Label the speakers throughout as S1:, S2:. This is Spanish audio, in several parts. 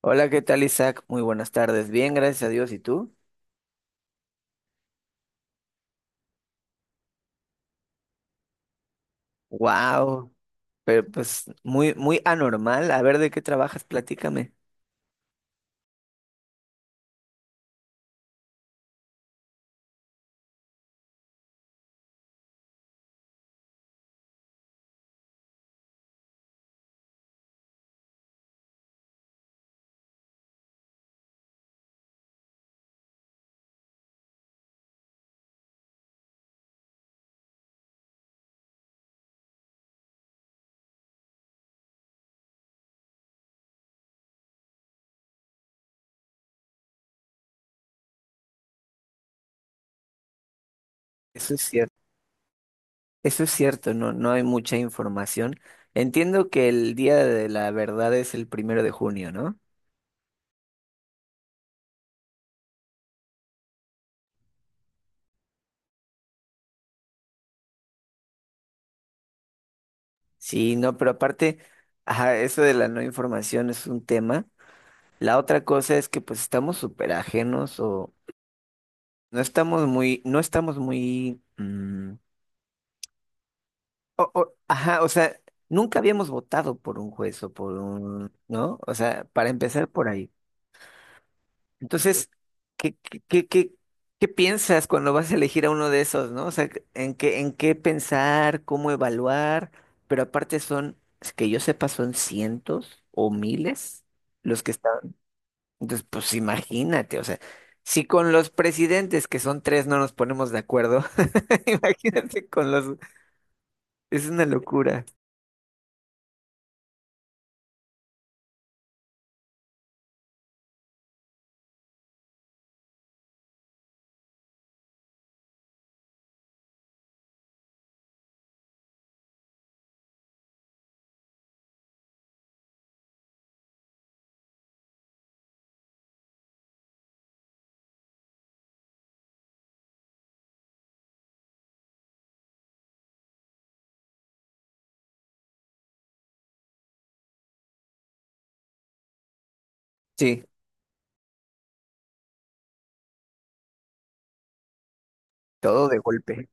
S1: Hola, ¿qué tal, Isaac? Muy buenas tardes. Bien, gracias a Dios. ¿Y tú? Wow, pero pues muy, muy anormal. A ver, ¿de qué trabajas? Platícame. Eso es cierto. Eso es cierto, no, no hay mucha información. Entiendo que el Día de la Verdad es el primero de junio, ¿no? Sí, no, pero aparte, ajá, eso de la no información es un tema. La otra cosa es que pues estamos súper ajenos o no estamos muy, ajá, o sea, nunca habíamos votado por un juez o por un, ¿no? O sea, para empezar por ahí. Entonces, ¿qué, qué, qué, qué, qué piensas cuando vas a elegir a uno de esos, ¿no? O sea, ¿en qué pensar, cómo evaluar? Pero aparte son, es que yo sepa, son cientos o miles los que están. Entonces, pues imagínate, o sea, si con los presidentes, que son tres, no nos ponemos de acuerdo, imagínate con los, es una locura. Sí, todo de golpe.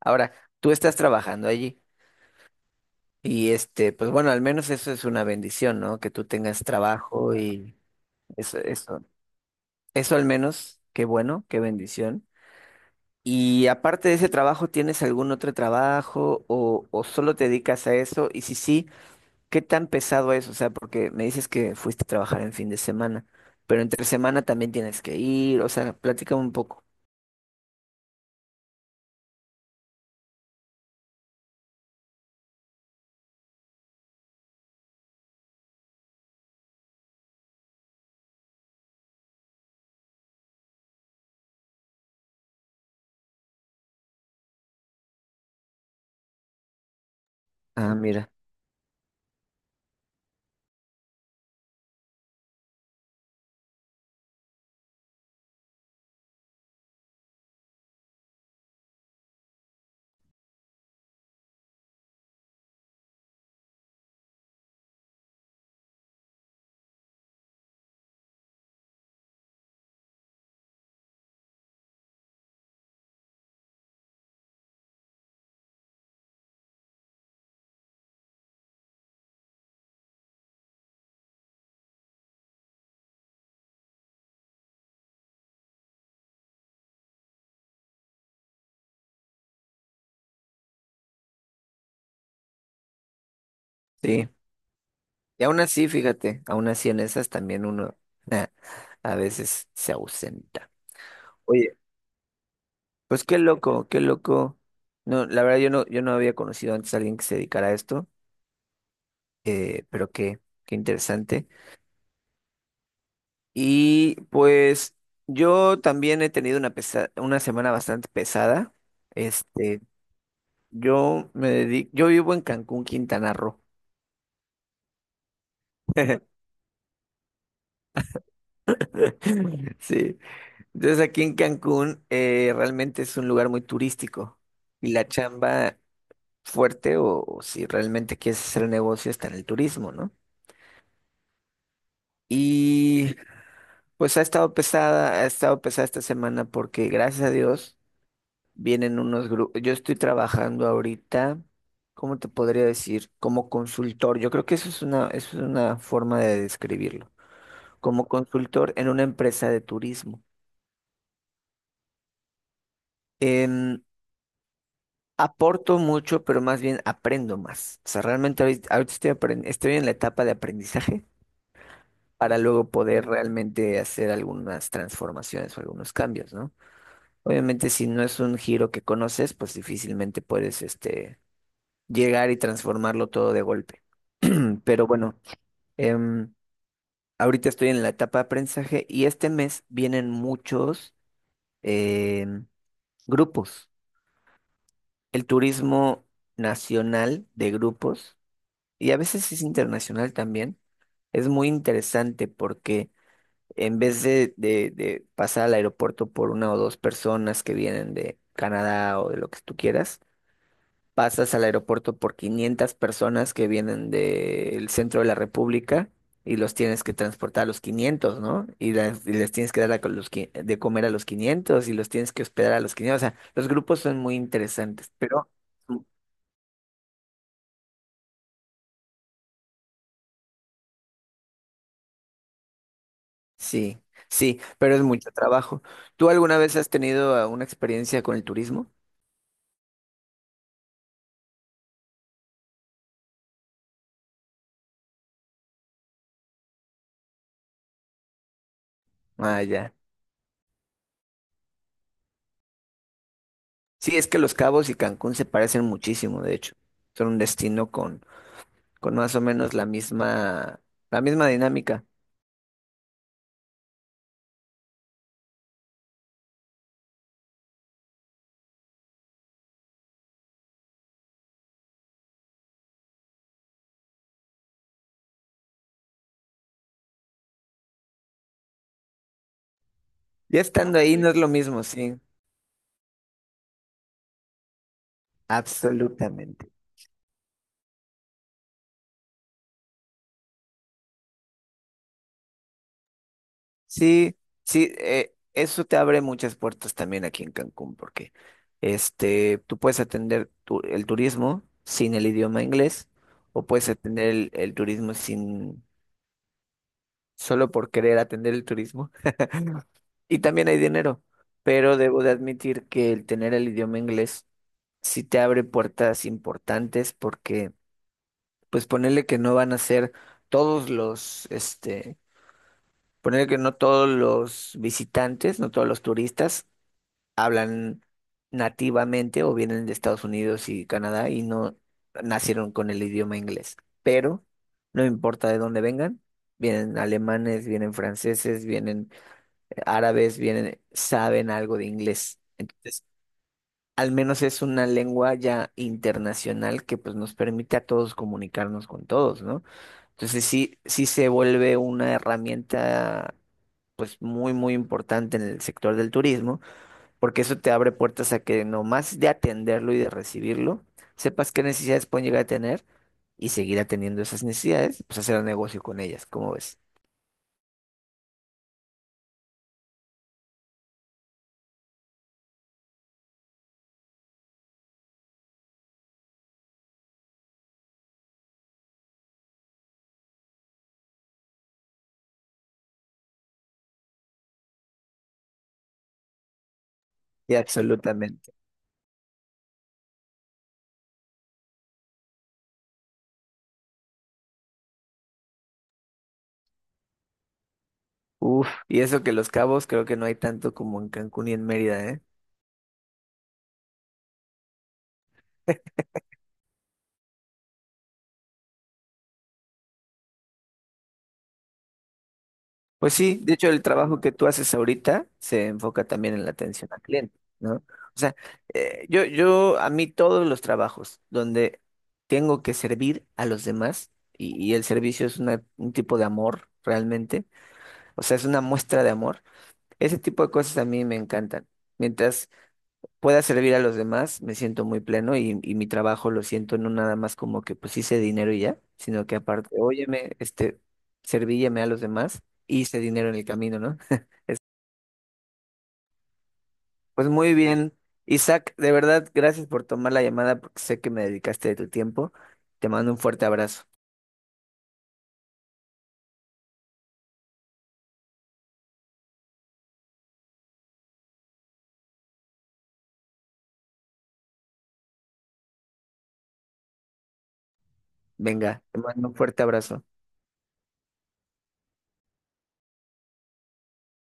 S1: Ahora, tú estás trabajando allí y este, pues bueno, al menos eso es una bendición, ¿no? Que tú tengas trabajo y eso, eso, eso al menos, qué bueno, qué bendición. Y aparte de ese trabajo, ¿tienes algún otro trabajo o solo te dedicas a eso? Y si sí, ¿qué tan pesado es? O sea, porque me dices que fuiste a trabajar en fin de semana, pero entre semana también tienes que ir, o sea, platícame un poco. Ah, mira, sí. Y aún así, fíjate, aún así en esas también uno a veces se ausenta. Oye, pues qué loco, qué loco. No, la verdad yo no había conocido antes a alguien que se dedicara a esto, pero qué interesante. Y pues yo también he tenido una semana bastante pesada. Este, yo me dedico, yo vivo en Cancún, Quintana Roo. Sí. Entonces aquí en Cancún realmente es un lugar muy turístico y la chamba fuerte o si realmente quieres hacer negocio está en el turismo, ¿no? Y pues ha estado pesada esta semana porque gracias a Dios vienen unos grupos. Yo estoy trabajando ahorita, ¿cómo te podría decir? Como consultor. Yo creo que eso es una forma de describirlo. Como consultor en una empresa de turismo. Em, Aporto mucho, pero más bien aprendo más. O sea, realmente ahorita, ahorita estoy en la etapa de aprendizaje para luego poder realmente hacer algunas transformaciones o algunos cambios, ¿no? Obviamente, si no es un giro que conoces, pues difícilmente puedes, llegar y transformarlo todo de golpe. Pero bueno, em, ahorita estoy en la etapa de aprendizaje y este mes vienen muchos em, grupos. El turismo nacional de grupos. Y a veces es internacional también. Es muy interesante porque en vez de, de pasar al aeropuerto por una o dos personas que vienen de Canadá o de lo que tú quieras, pasas al aeropuerto por 500 personas que vienen del centro de la República y los tienes que transportar a los 500, ¿no? Y, y les tienes que dar a los, de comer a los 500 y los tienes que hospedar a los 500. O sea, los grupos son muy interesantes, pero... Sí, sí, pero es mucho trabajo. ¿Tú alguna vez has tenido una experiencia con el turismo? Ah, ya. Sí, es que Los Cabos y Cancún se parecen muchísimo, de hecho. Son un destino con más o menos la misma dinámica. Ya. Ah, estando ahí sí, no es lo mismo, sí. Absolutamente. Sí, sí, eso te abre muchas puertas también aquí en Cancún, porque este, tú puedes atender el turismo sin el idioma inglés o puedes atender el turismo sin solo por querer atender el turismo. Y también hay dinero, pero debo de admitir que el tener el idioma inglés sí te abre puertas importantes porque, pues ponerle que no van a ser todos los, ponerle que no todos los visitantes, no todos los turistas hablan nativamente o vienen de Estados Unidos y Canadá y no nacieron con el idioma inglés, pero no importa de dónde vengan, vienen alemanes, vienen franceses, vienen árabes saben algo de inglés. Entonces, al menos es una lengua ya internacional que pues nos permite a todos comunicarnos con todos, ¿no? Entonces sí, sí se vuelve una herramienta pues muy, muy importante en el sector del turismo, porque eso te abre puertas a que nomás de atenderlo y de recibirlo, sepas qué necesidades pueden llegar a tener y seguir atendiendo esas necesidades, pues hacer un negocio con ellas, ¿cómo ves? Sí, absolutamente. Uf, y eso que Los Cabos creo que no hay tanto como en Cancún y en Mérida, ¿eh? Pues sí, de hecho el trabajo que tú haces ahorita se enfoca también en la atención al cliente, ¿no? O sea, a mí todos los trabajos donde tengo que servir a los demás y el servicio es un tipo de amor realmente, o sea, es una muestra de amor, ese tipo de cosas a mí me encantan. Mientras pueda servir a los demás, me siento muy pleno y mi trabajo lo siento no nada más como que pues hice dinero y ya, sino que aparte, óyeme, este, servílleme a los demás, hice dinero en el camino, ¿no? Pues muy bien, Isaac, de verdad, gracias por tomar la llamada porque sé que me dedicaste de tu tiempo. Te mando un fuerte abrazo. Venga, te mando un fuerte abrazo.